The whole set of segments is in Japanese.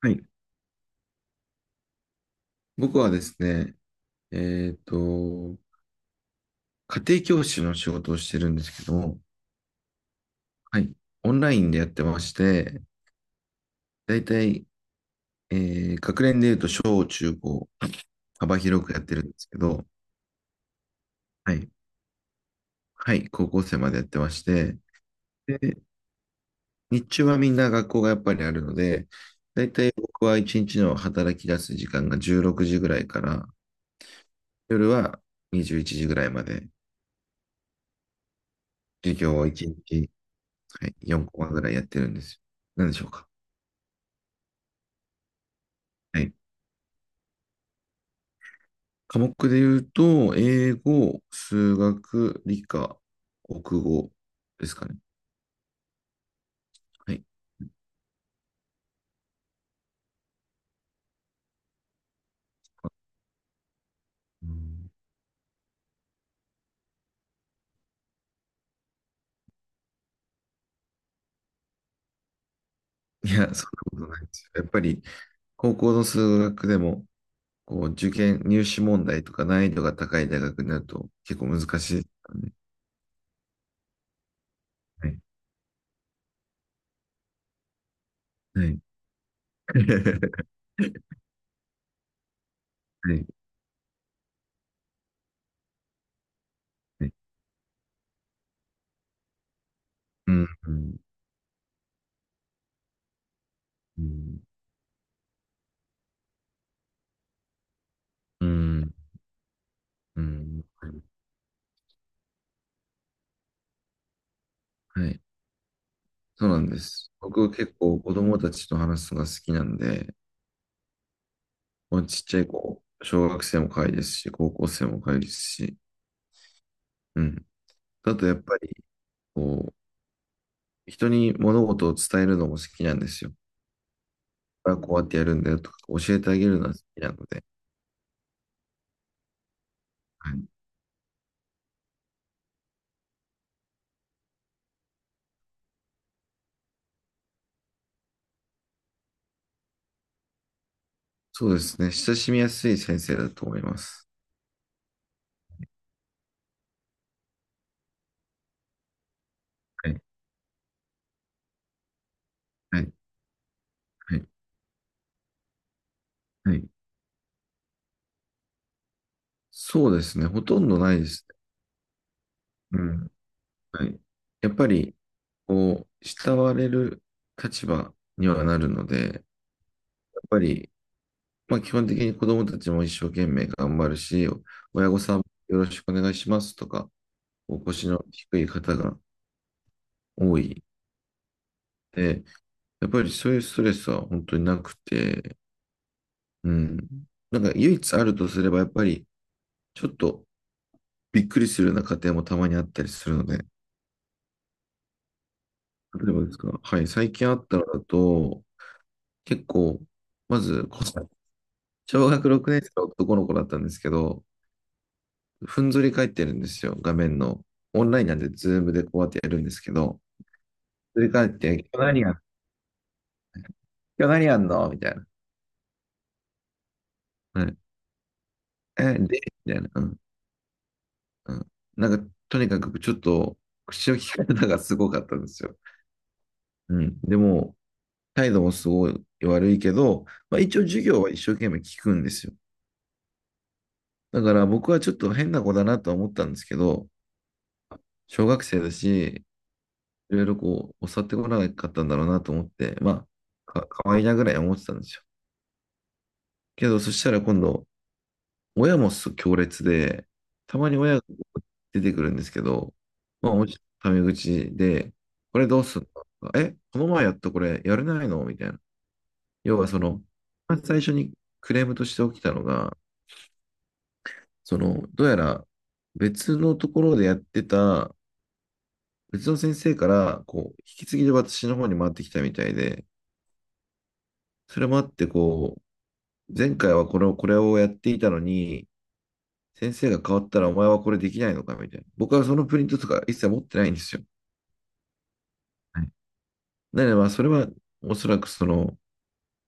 はい。僕はですね、えっと、家庭教師の仕事をしてるんですけども、はい。オンラインでやってまして、だいたい、え学年で言うと小中高、幅広くやってるんですけど、はい。はい。高校生までやってまして、で、日中はみんな学校がやっぱりあるので、だいたい僕は一日の働き出す時間が16時ぐらいから、夜は21時ぐらいまで、授業を一日、はい、4コマぐらいやってるんですよ。何でしょうか。はい。科目で言うと、英語、数学、理科、国語ですかね。はい。うん。いや、そんなことないですよ。やっぱり、高校の数学でも、こう、受験、入試問題とか難易度が高い大学になると結構難しいですからね。はい。はい。はい。はい。うん。うん。うん。うん。うん。はい。はい。そうなんです。僕結構子供たちと話すのが好きなんで、まあ、ちっちゃい子、小学生も可愛いですし、高校生も可愛いですし、うん。あとやっぱり、こう、人に物事を伝えるのも好きなんですよ。これはこうやってやるんだよとか、教えてあげるのは好きなので、はい。そうですね。親しみやすい先生だと思います。はい。はい。はい。はい。そうですね。ほとんどないですね。うん。はい。やっぱり、こう、慕われる立場にはなるので、やっぱり、まあ、基本的に子どもたちも一生懸命頑張るし、親御さんもよろしくお願いしますとか、お腰の低い方が多いで、やっぱりそういうストレスは本当になくて、うん。なんか唯一あるとすれば、やっぱりちょっとびっくりするような家庭もたまにあったりするので、例えばですか、はい、最近あったのだと、結構、まず、小学6年生の男の子だったんですけど、ふんぞり返ってるんですよ、画面の。オンラインなんで、ズームでこうやってやるんですけど、振り返って、今日何やん、今日何やんのみたいな。はえ、で、みたいな。うん。うん。なんか、とにかくちょっと、口の利き方がすごかったんですよ。うん。でも、態度もすごい悪いけど、まあ、一応授業は一生懸命聞くんですよ。だから僕はちょっと変な子だなとは思ったんですけど、小学生だし、いろいろこう、教わってこなかったんだろうなと思って、まあ、か、かわいいなぐらい思ってたんですよ。けど、そしたら今度、親もす強烈で、たまに親が出てくるんですけど、まあ、おじタメ口で、これどうすんのえ、この前やったこれやれないのみたいな。要はその、まず最初にクレームとして起きたのが、その、どうやら別のところでやってた、別の先生から、こう、引き継ぎで私の方に回ってきたみたいで、それもあって、こう、前回はこれを、これをやっていたのに、先生が変わったらお前はこれできないのかみたいな。僕はそのプリントとか一切持ってないんですよ。はい。なので、まあ、それはおそらくその、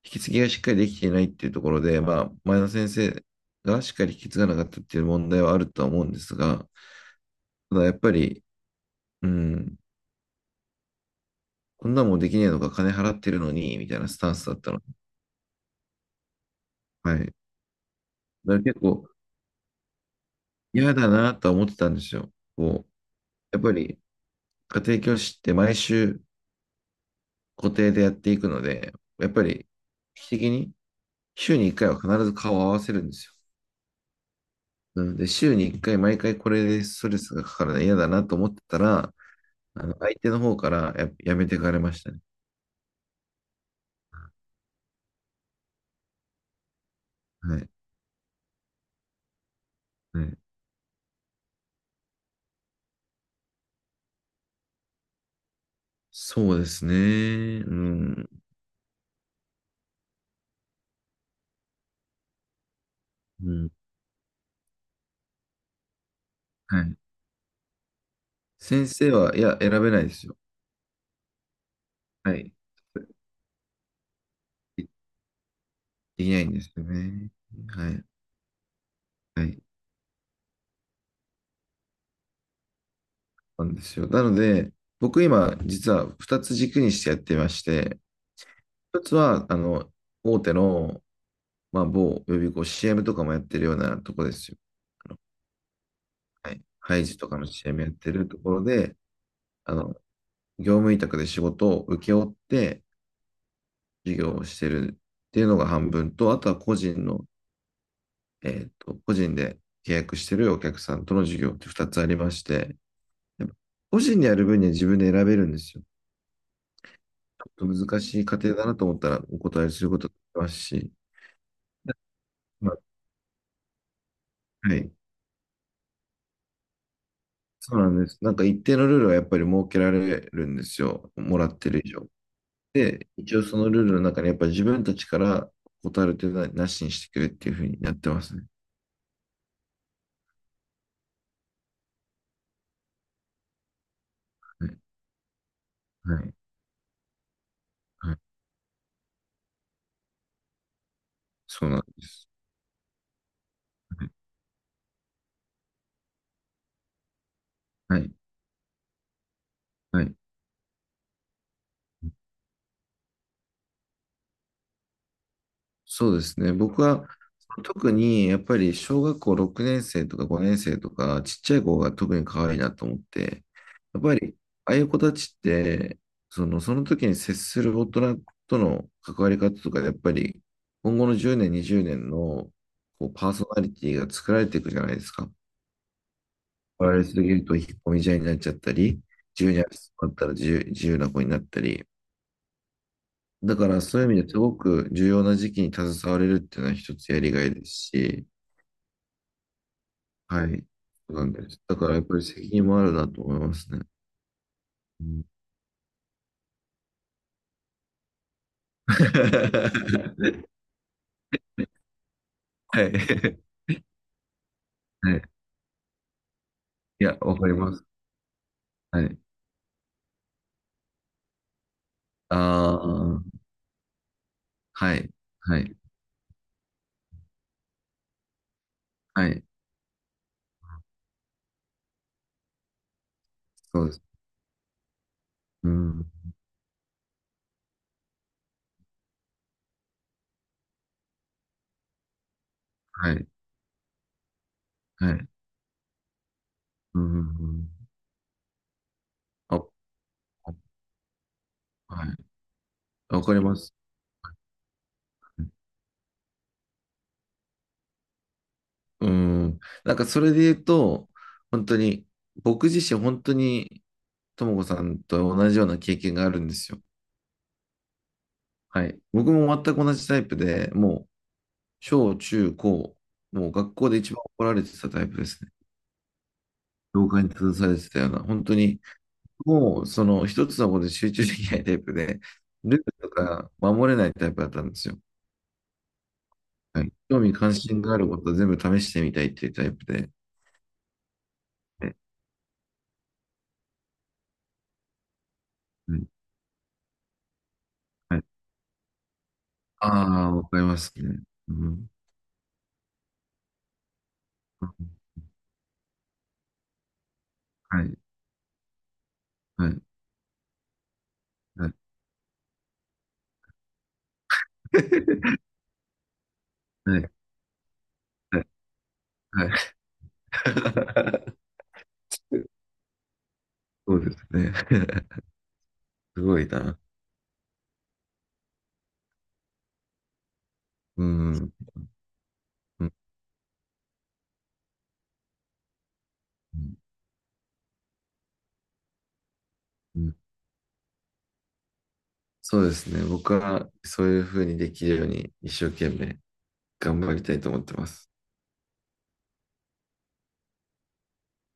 引き継ぎがしっかりできていないっていうところで、まあ、前の先生がしっかり引き継がなかったっていう問題はあるとは思うんですが、ただやっぱり、うん、こんなもんできねえのか、金払ってるのに、みたいなスタンスだったの。はい。だから結構嫌だなとは思ってたんですよ。こう、やっぱり家庭教師って毎週固定でやっていくので、やっぱり、定期的に週に1回は必ず顔を合わせるんですよ。なので、週に1回毎回これでストレスがかかるの嫌だなと思ってたら、あの相手の方からや、やめてかれましたね。はい。はい。そうですね。うん。うん。はい。先生は、いや、選べないですよ。はい。で、できないんですよね。はい。はい。なんですよ。なので、僕今、実は2つ軸にしてやってまして、1つは、あの、大手のまあ、某予備校、CM とかもやってるようなとこですよ。あの、はい。ハイジとかの CM やってるところで、あの、業務委託で仕事を請け負って授業をしてるっていうのが半分と、あとは個人の、個人で契約してるお客さんとの授業って2つありまして、やっぱ個人でやる分には自分で選べるんですよ。ちょっと難しい過程だなと思ったらお答えすることができますし、まあ、はい。そうなんです。なんか一定のルールはやっぱり設けられるんですよ。もらってる以上。で、一応そのルールの中にやっぱ自分たちから断るというのはなしにしてくれっていうふうにやってますね。はい。はい。はい。そうなんです。はい。はい。そうですね。僕は特にやっぱり小学校6年生とか5年生とかちっちゃい子が特に可愛いなと思って、やっぱりああいう子たちって、その、その時に接する大人との関わり方とかでやっぱり今後の10年、20年のこうパーソナリティが作られていくじゃないですか。取られすぎると引っ込み思案になっちゃったり、自由に遊びったら自由、自由な子になったり、だからそういう意味ですごく重要な時期に携われるっていうのは一つやりがいですし、はい、そうなんです。だからやっぱり責任もあるなと思いますね。うん。 はい。はい。いや、わかります。はい。ああ、はい。はい。はい。そうです。うん。はい。はい。うん。あ、はい。わかります。うん。なんかそれで言うと、本当に、僕自身本当に、ともこさんと同じような経験があるんですよ。はい。僕も全く同じタイプで、もう、小、中、高、もう学校で一番怒られてたタイプですね。教科に立たされてたような、本当に、もう、その一つのことで集中できないタイプで、ルールとか守れないタイプだったんですよ。はい。興味関心があることを全部試してみたいっていうタイプで。はい。はい。ああ、わかりますね。うん。はい、はい、はい。はい、はい、はい。そうですね。すごいな。うん、うん、うん、うん。そうですね。僕はそういうふうにできるように一生懸命頑張りたいと思ってます。